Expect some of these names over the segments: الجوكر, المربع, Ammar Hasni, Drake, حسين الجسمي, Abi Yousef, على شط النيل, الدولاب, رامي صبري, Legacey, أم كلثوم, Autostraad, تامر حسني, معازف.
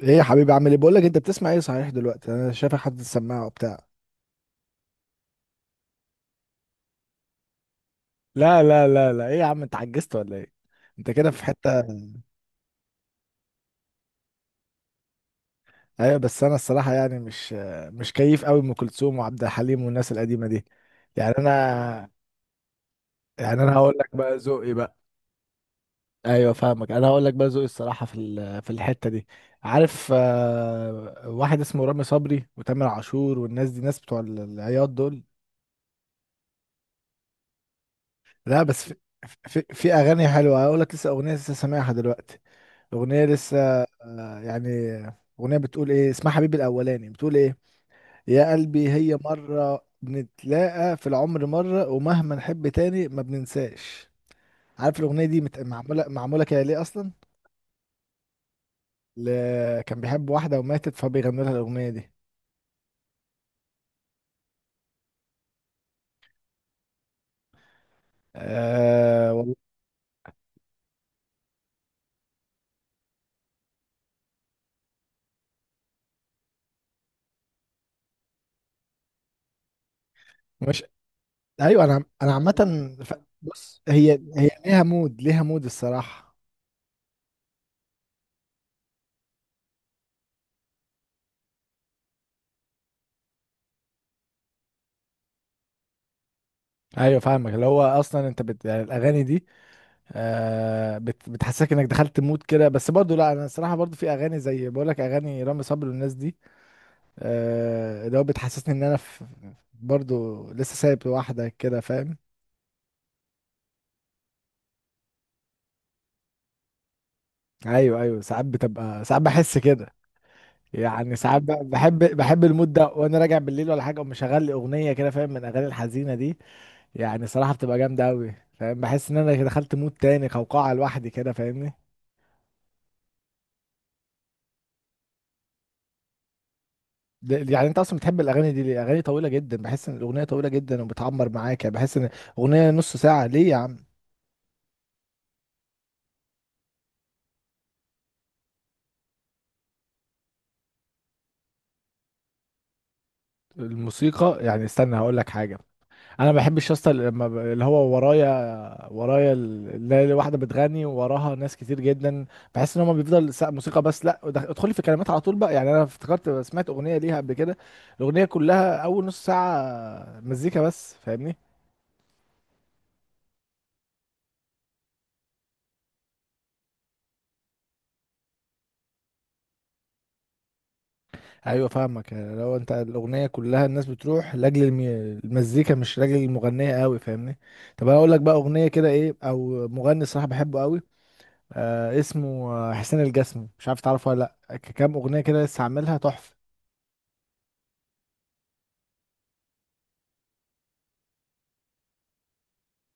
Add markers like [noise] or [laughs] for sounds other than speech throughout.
ايه يا حبيبي، عامل ايه؟ بقول لك، انت بتسمع ايه صحيح دلوقتي؟ انا شايفك حاطط السماعه وبتاع. لا لا لا لا، ايه يا عم، انت عجزت ولا ايه؟ انت كده في حته [laughs] ايوه بس انا الصراحه يعني مش كيف قوي ام كلثوم وعبد الحليم والناس القديمه دي. يعني انا يعني انا هقول لك بقى ذوقي بقى. ايوه فاهمك، انا هقول لك بقى ذوقي الصراحه في الحته دي. عارف، واحد اسمه رامي صبري وتامر عاشور، والناس دي ناس بتوع العياط دول. لا بس في اغاني حلوه، اقول لك لسه اغنيه لسه سامعها دلوقتي. اغنيه لسه آه، يعني اغنيه بتقول ايه، اسمها حبيبي الاولاني، بتقول ايه يا قلبي هي مره بنتلاقى في العمر مره، ومهما نحب تاني ما بننساش. عارف الاغنيه دي معموله كده ليه اصلا؟ ل... كان بيحب واحده وماتت، فبيغنوا لها الاغنيه دي. آه والله. مش. ايوه، انا عامه بص، هي ليها مود، ليها مود الصراحه. ايوه فاهمك، اللي هو اصلا انت يعني الاغاني دي، بتحسسك انك دخلت مود كده. بس برضو لا، انا الصراحه برضو في اغاني زي بقول لك، اغاني رامي صبري والناس دي. آه، اللي هو بتحسسني ان انا برضو لسه سايب واحده كده، فاهم؟ ايوه ايوه، ساعات بتبقى، ساعات بحس كده. يعني ساعات بحب المود ده وانا راجع بالليل ولا حاجه، ومشغل لي اغنيه كده، فاهم؟ من الاغاني الحزينه دي. يعني صراحه بتبقى جامده قوي، فاهم؟ بحس ان انا دخلت مود تاني، قوقعه لوحدي كده، فاهمني؟ يعني انت اصلا بتحب الاغاني دي ليه؟ اغاني طويله جدا، بحس ان الاغنيه طويله جدا وبتعمر معاك. يعني بحس ان اغنيه نص ساعه ليه يا عم؟ الموسيقى يعني، استنى هقول لك حاجه. انا ما بحبش يا اسطى لما اللي هو ورايا، ورايا اللي هي واحده بتغني، ووراها ناس كتير جدا. بحس ان هم بيفضل موسيقى بس. لا ادخلي في كلمات على طول بقى. يعني انا افتكرت سمعت اغنيه ليها قبل كده، الاغنيه كلها اول نص ساعه مزيكا بس، فاهمني؟ ايوه فاهمك. يعني لو انت الاغنيه كلها الناس بتروح لاجل المزيكا مش لاجل المغنيه قوي، فاهمني؟ طب انا اقول لك بقى اغنيه كده ايه، او مغني الصراحه بحبه قوي. آه اسمه، حسين الجسمي، مش عارف تعرفه ولا لا؟ كام اغنيه كده لسه عاملها تحفه.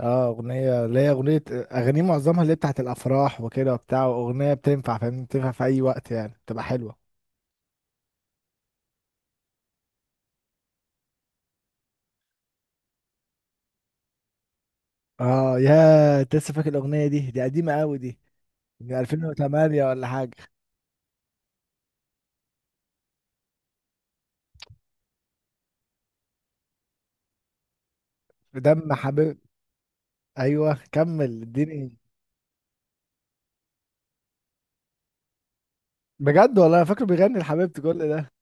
اه اغنيه، اللي هي اغنيه اغانيه معظمها اللي هي بتاعت الافراح وكده وبتاع، اغنيه بتنفع فاهمني، بتنفع في اي وقت يعني، بتبقى حلوه. اه يا أنت، لسه فاكر الاغنيه دي؟ دي قديمه قوي دي، من 2008 ولا حاجه. دم حبيب. ايوه كمل اديني. بجد والله انا فاكره بيغني لحبيبتي كل ده.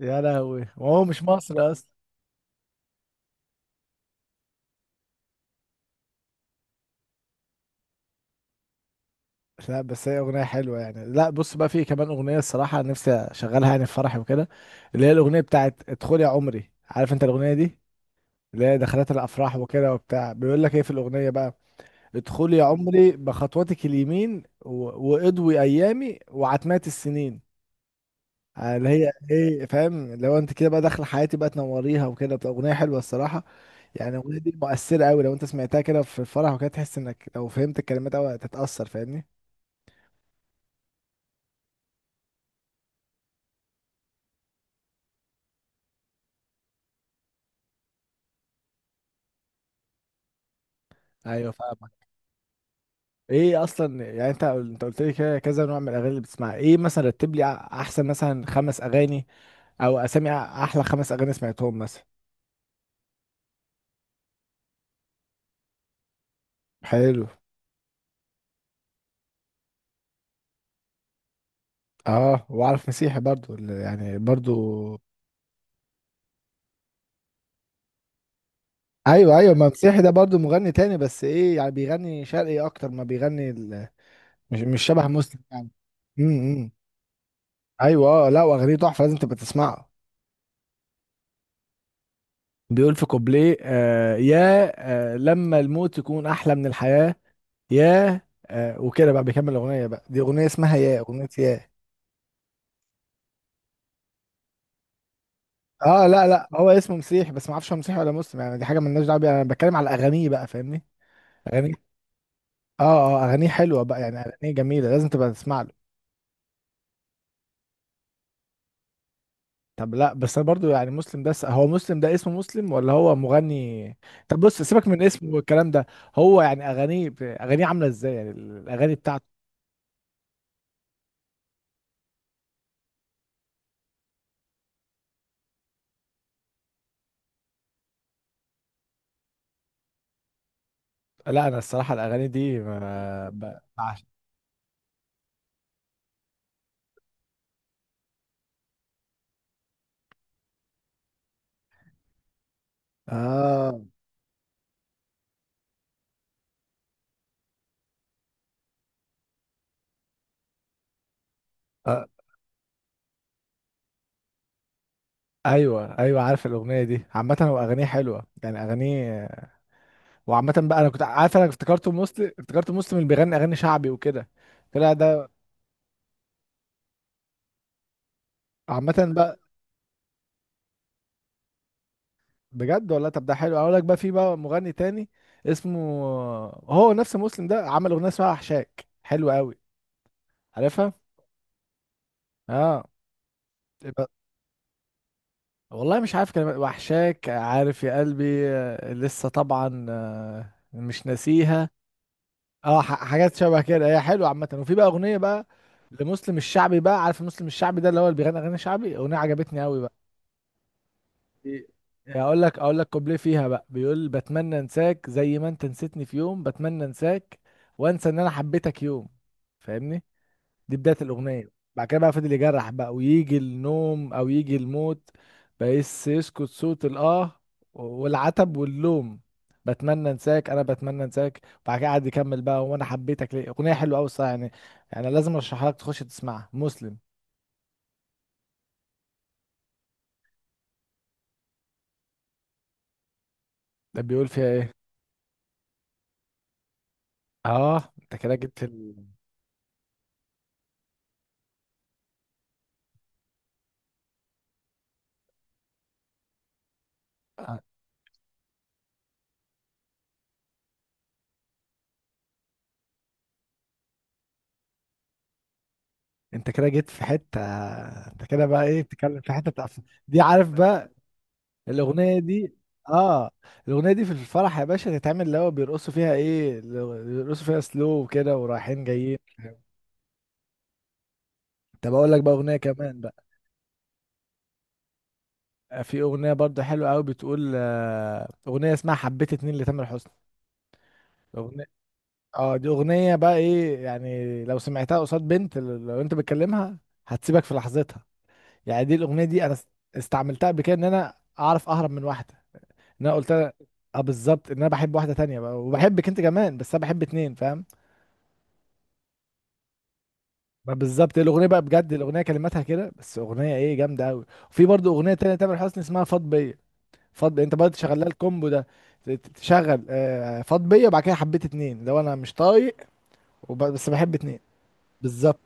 يا لهوي، وهو مش مصري اصلا. لا بس هي اغنيه حلوه يعني. لا بص بقى، في كمان اغنيه الصراحه نفسي اشغلها يعني في فرحي وكده، اللي هي الاغنيه بتاعت ادخل يا عمري. عارف انت الاغنيه دي؟ اللي هي دخلات الافراح وكده وبتاع. بيقول لك ايه في الاغنيه بقى: ادخل يا عمري بخطوتك اليمين واضوي ايامي وعتمات السنين. اللي هي ايه، فاهم؟ لو انت كده بقى داخله حياتي بقى، تنوريها وكده. بتبقى اغنيه حلوه الصراحه. يعني الاغنيه دي مؤثره قوي، لو انت سمعتها كده في الفرح وكده، تحس انك لو فهمت الكلمات قوي هتتاثر، فاهمني؟ ايوه فاهمك. ايه اصلا، يعني انت، انت قلت لي كده كذا نوع من الاغاني اللي بتسمعها. ايه مثلا، رتب لي احسن مثلا خمس اغاني، او اسامي احلى خمس اغاني سمعتهم مثلا. حلو. اه، واعرف مسيحي برضو يعني برضو. ايوه ايوه، ما مسيحي ده برضو مغني تاني، بس ايه يعني، بيغني شرقي اكتر ما بيغني. مش شبه مسلم يعني. امم امم. ايوه اه لا، واغانيه تحفه لازم تبقى تسمعه. بيقول في كوبليه: آه يا، آه، لما الموت يكون احلى من الحياه، يا، آه، وكده بقى. بيكمل الاغنيه بقى. دي اغنيه اسمها يا اغنيه يا. اه لا لا، هو اسمه مسيح، بس ما اعرفش هو مسيحي ولا مسلم، يعني دي حاجه مالناش دعوه بيها، انا بتكلم على اغانيه بقى، فاهمني؟ اغانيه، اه. اه اغانيه حلوه بقى، يعني اغانيه جميله، لازم تبقى تسمع له. طب لا، بس انا برضو يعني مسلم ده هو مسلم ده اسمه مسلم، ولا هو مغني؟ طب بص، سيبك من اسمه والكلام ده. هو يعني اغانيه اغانيه عامله ازاي، يعني الاغاني بتاعته؟ لا انا الصراحه الاغاني دي ما ب- بعش- آه. اه ايوه ايوه، عارف الاغنيه دي عامه. هو اغانيه حلوه يعني اغانيه. وعامه بقى، انا كنت عارف، انا افتكرته مسلم، افتكرته مسلم اللي بيغني اغاني شعبي وكده. طلع ده. عامه بقى. بجد والله. طب ده حلو اقول لك بقى، في بقى مغني تاني اسمه، هو نفس مسلم ده عمل اغنيه اسمها وحشاك، حلوه قوي. عارفها؟ اه. يبقى- والله مش عارف كلمات وحشاك، عارف يا قلبي، لسه طبعا، مش ناسيها. اه حاجات شبه كده، هي حلوه عامه. وفي بقى اغنيه بقى لمسلم الشعبي بقى، عارف مسلم الشعبي ده اللي هو اللي بيغني اغاني شعبي؟ اغنيه عجبتني قوي بقى. إيه، اقول لك، اقول لك كوبليه فيها بقى، بيقول: بتمنى انساك زي ما انت نسيتني في يوم، بتمنى انساك، وانسى ان انا حبيتك يوم. فاهمني؟ دي بداية الاغنية. بعد كده بقى فضل يجرح بقى، ويجي النوم او يجي الموت، بس يسكت صوت الاه والعتب واللوم. بتمنى انساك، انا بتمنى انساك. بعد كده قعد يكمل بقى، وانا حبيتك ليه. اغنية حلوة قوي الصراحة، يعني لازم ارشحها لك، تخش تسمعها مسلم. ده بيقول فيها ايه؟ اه انت كده جيت في ال... انت كده جيت في حته. انت كده بقى ايه بتتكلم في حته تقف؟ دي عارف بقى الاغنيه دي؟ اه. الاغنيه دي في الفرح يا باشا تتعمل، اللي هو بيرقصوا فيها ايه، بيرقصوا فيها سلو وكده، ورايحين جايين. طب اقول لك بقى اغنيه كمان بقى. في اغنيه برضه حلوه قوي بتقول، اغنيه اسمها حبيت اتنين لتامر حسني. اغنيه، اه دي اغنيه بقى ايه، يعني لو سمعتها قصاد بنت لو انت بتكلمها، هتسيبك في لحظتها. يعني دي الاغنيه دي انا استعملتها قبل كده ان انا اعرف اهرب من واحده. إن انا قلت لها، اه بالظبط، ان انا بحب واحده تانية بقى، وبحبك انت كمان، بس انا بحب اتنين، فاهم؟ بقى بالظبط، الاغنيه بقى بجد، الاغنيه كلماتها كده، بس اغنيه ايه جامده قوي. وفي برضو اغنيه تانية تامر حسني اسمها فاض بيا. فاض بيا، انت برضه تشغل لها الكومبو ده، تشغل فاض بيا، وبعد كده حبيت اتنين، لو انا مش طايق، بس بحب اتنين. بالظبط.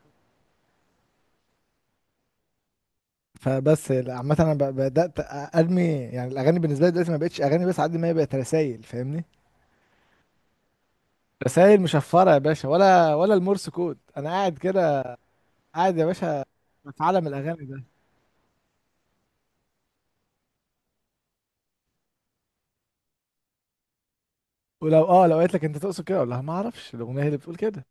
فبس لا، عامة انا بدأت ارمي، يعني الاغاني بالنسبة لي دلوقتي ما بقتش اغاني بس، على قد ما هي بقت رسايل، فاهمني؟ رسايل مشفرة يا باشا، ولا المورس كود. انا قاعد كده، قاعد يا باشا في عالم الاغاني ده. ولو، اه، لو قالت لك انت تقصد كده، اقول لها ما اعرفش، الاغنيه هي اللي بتقول كده.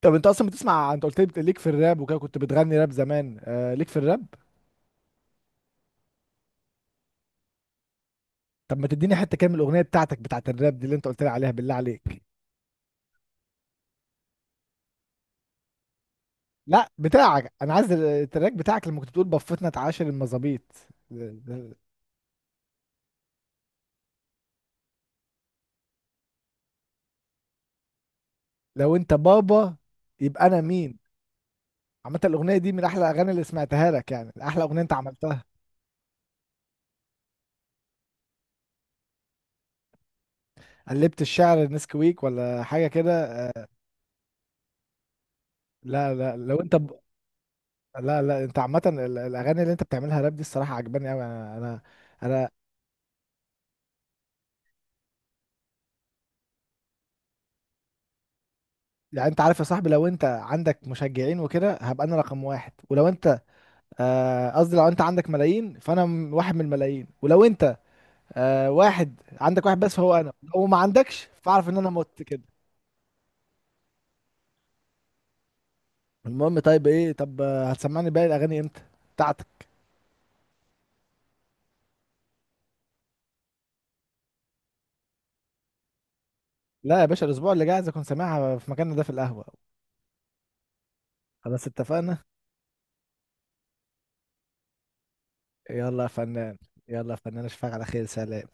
طب انت اصلا بتسمع، انت قلت لي ليك في الراب وكده، كنت بتغني راب زمان، آه ليك في الراب. طب ما تديني حته كام الاغنيه بتاعتك بتاعت الراب دي اللي انت قلت لي عليها، بالله عليك. لا بتاعك، انا عايز التراك بتاعك لما كنت بتقول: بفتنا اتعاشر المظابيط. ل- ل- لو انت بابا، يبقى انا مين؟ عامه الاغنيه دي من احلى الاغاني اللي سمعتها لك، يعني احلى اغنيه انت عملتها. قلبت الشعر نسكويك ولا حاجه كده. لا لا لو انت ب... لا لا انت عامة الاغاني اللي انت بتعملها راب دي الصراحة عجباني قوي، انا. انا يعني انت عارف يا صاحبي، لو انت عندك مشجعين وكده هبقى انا رقم واحد، ولو انت، قصدي لو انت عندك ملايين، فانا واحد من الملايين، ولو انت، واحد عندك واحد بس، فهو انا، لو ما عندكش فاعرف ان انا مت كده. المهم، طيب ايه؟ طب، هتسمعني باقي الاغاني امتى بتاعتك؟ لا يا باشا، الاسبوع اللي جاي عايز اكون سامعها في مكاننا ده في القهوة. خلاص اتفقنا. يلا يا فنان. يلا يا فنان، اشوفك على خير، سلام.